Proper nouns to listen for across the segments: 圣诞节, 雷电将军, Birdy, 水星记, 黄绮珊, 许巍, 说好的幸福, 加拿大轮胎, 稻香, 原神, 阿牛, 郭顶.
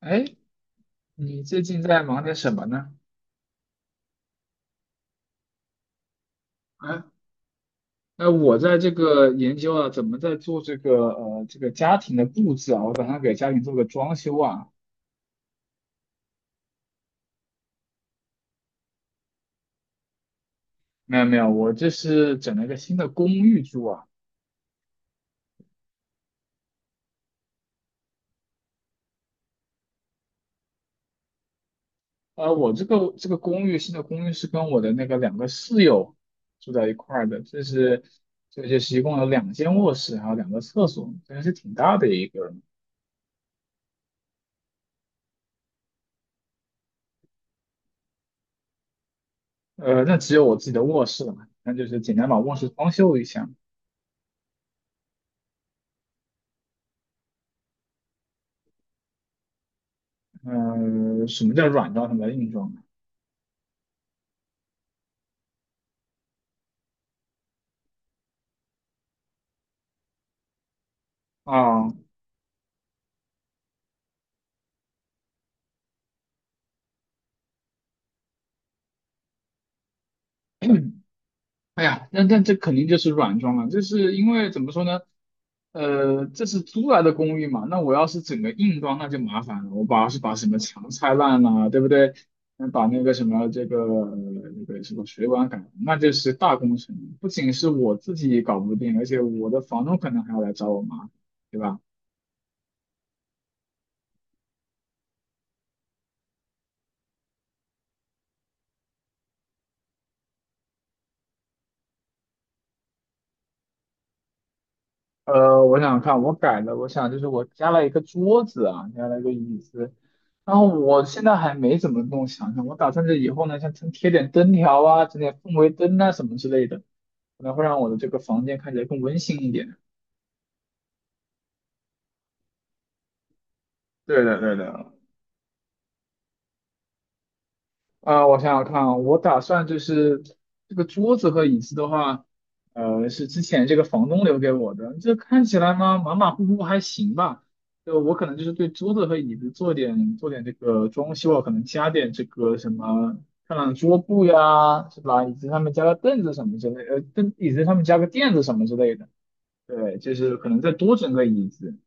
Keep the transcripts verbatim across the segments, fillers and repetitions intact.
哎，你最近在忙点什么呢？哎，那我在这个研究啊，怎么在做这个呃这个家庭的布置啊，我打算给家庭做个装修啊。没有没有，我这是整了一个新的公寓住啊。呃，我这个这个公寓新的公寓是跟我的那个两个室友住在一块儿的，这是这就是一共有两间卧室，还有两个厕所，真的是挺大的一个。呃，那只有我自己的卧室了嘛，那就是简单把卧室装修一下。呃，什么叫软装，什么叫硬装啊？哎呀，那那这肯定就是软装了，就是因为怎么说呢？呃，这是租来的公寓嘛，那我要是整个硬装，那就麻烦了。我把是把什么墙拆烂了，对不对？嗯，把那个什么这个呃那个什么水管改了那就是大工程。不仅是我自己搞不定，而且我的房东可能还要来找我麻烦，对吧？呃，我想想看我改了，我想就是我加了一个桌子啊，加了一个椅子，然后我现在还没怎么弄想想，我打算这以后呢，像贴贴点灯条啊，整点氛围灯啊什么之类的，可能会让我的这个房间看起来更温馨一点。对的，对的，啊、我想想看啊，我打算就是这个桌子和椅子的话，呃，是之前这个房东留给我的。这看起来嘛，马马虎虎还行吧。就我可能就是对桌子和椅子做点做点这个装修啊，可能加点这个什么漂亮的桌布呀，是吧？椅子上面加个凳子什么之类呃，凳椅子上面加个垫子什么之类的。对，就是可能再多整个椅子。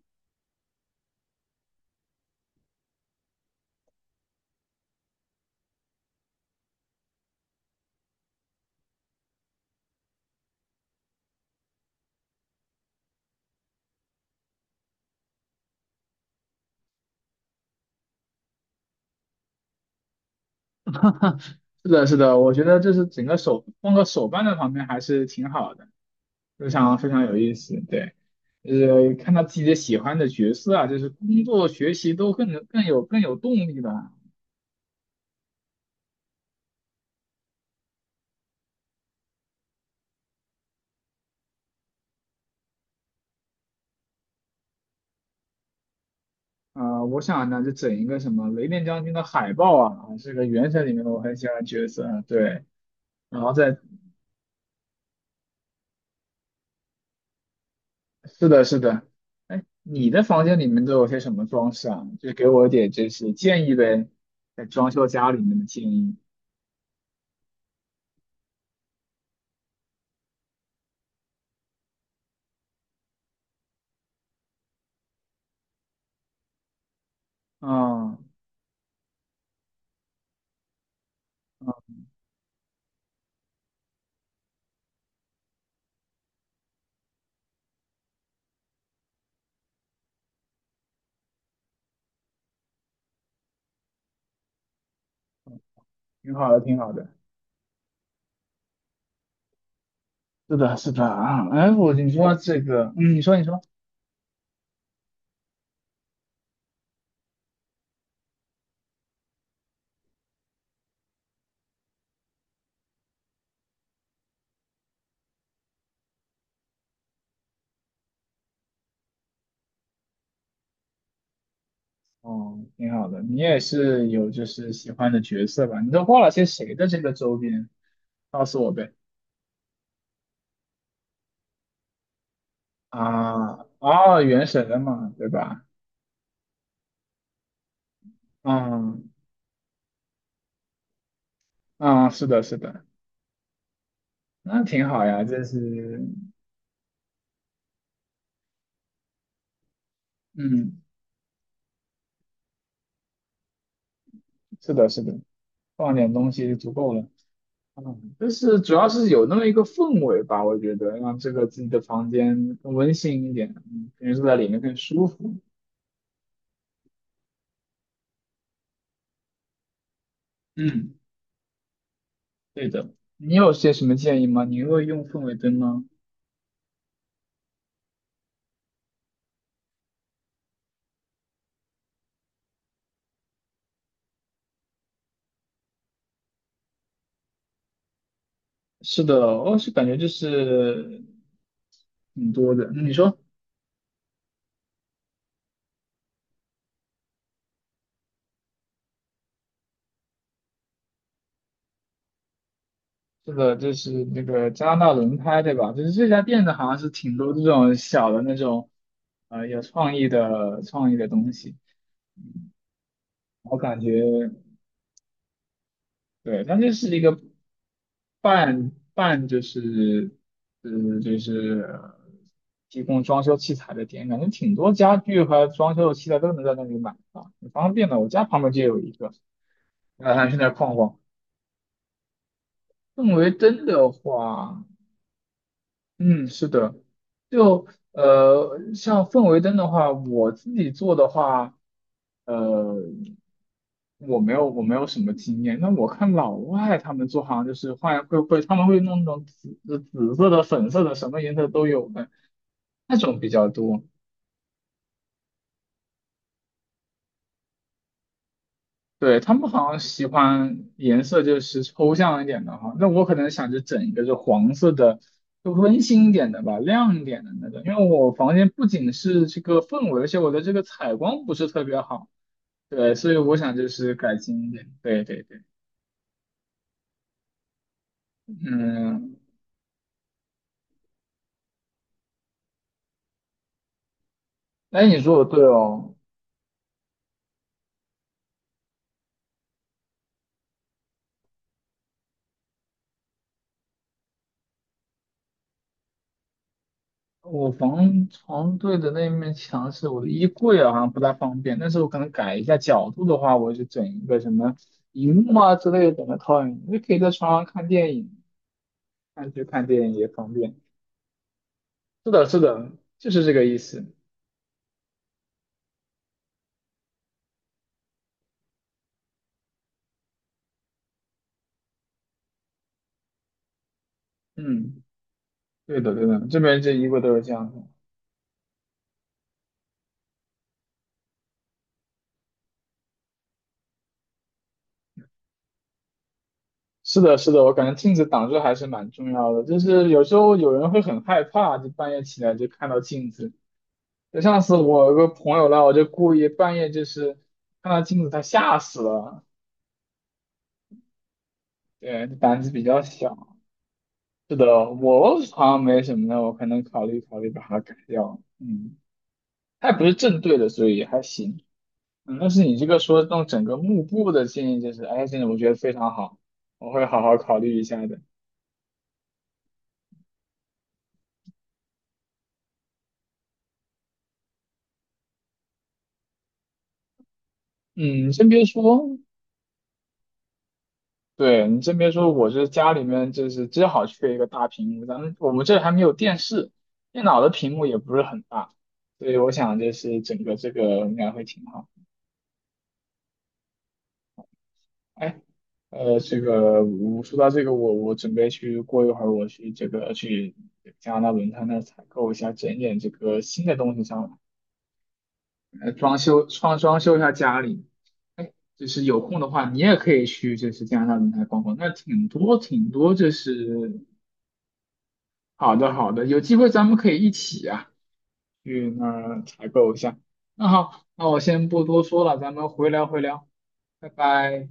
是的，是的，我觉得就是整个手放个手办在旁边还是挺好的。非常非常有意思，对，就是看到自己的喜欢的角色啊，就是工作、学习都更更有更有动力了。啊、我想呢，就整一个什么雷电将军的海报啊，这个原神里面我很喜欢的角色啊，对，然后再是的，是的，哎，你的房间里面都有些什么装饰啊？就给我点就是建议呗，在装修家里面的建议。啊啊，挺好的，挺好的。是的，是的啊，哎，我你说这个，嗯，你说你说。哦，挺好的。你也是有就是喜欢的角色吧？你都画了些谁的这个周边？告诉我呗。啊，哦，原神的嘛，对吧？嗯嗯，是的，是的，那挺好呀。这是，嗯，是的，是的，放点东西就足够了。嗯，就是主要是有那么一个氛围吧，我觉得让这个自己的房间更温馨一点，嗯，感觉坐在里面更舒服。嗯，对的。你有些什么建议吗？你会用氛围灯吗？是的，我是感觉就是挺多的。嗯你说，是的，就是那个加拿大轮胎，对吧？就是这家店的好像是挺多这种小的那种，呃，有创意的创意的东西。我感觉，对，它就是一个半半就是，呃，就是呃提供装修器材的店，感觉挺多家具和装修的器材都能在那里买啊，挺方便的。我家旁边就有一个，然后还去那儿逛逛。氛围灯的话。嗯，是的，就呃，像氛围灯的话，我自己做的话，呃，我没有我没有什么经验。那我看老外他们做，好像就是换会会他们会弄那种紫紫色的、粉色的，什么颜色都有的那种比较多。对，他们好像喜欢颜色就是抽象一点的哈，那我可能想着整一个就黄色的，就温馨一点的吧，亮一点的那个。因为我房间不仅是这个氛围，而且我的这个采光不是特别好，对，所以我想就是改进一点。对对对，嗯，哎，你说的对哦，我房床对的那面墙是我的衣柜啊，好像不太方便，但是我可能改一下角度的话，我就整一个什么荧幕啊之类的，整个投影，就可以在床上看电影。看剧看电影也方便。是的，是的，就是这个意思。嗯，对的，对的，这边这衣个都是这样的。是的，是的，我感觉镜子挡住还是蛮重要的。就是有时候有人会很害怕，就半夜起来就看到镜子。就上次我有个朋友啦，我就故意半夜就是看到镜子，他吓死了。对，胆子比较小。是的，我好像没什么的，我可能考虑考虑把它改掉。嗯，它也不是正对的，所以还行。嗯，但是你这个说弄整个幕布的建议，就是，哎，真的我觉得非常好，我会好好考虑一下的。嗯，你先别说，对你真别说，我这家里面就是正好缺一个大屏幕，咱们我们这还没有电视，电脑的屏幕也不是很大，所以我想就是整个这个应该会挺好。哎，呃，这个我说到这个，我我准备去过一会儿，我去这个去加拿大轮胎那儿采购一下，整点这个新的东西上来。呃，装修装装修一下家里。哎，就是有空的话，你也可以去就是加拿大轮台逛逛，那挺多挺多，就是好的好的，有机会咱们可以一起啊去那儿采购一下。那好，那我先不多说了，咱们回聊回聊，拜拜。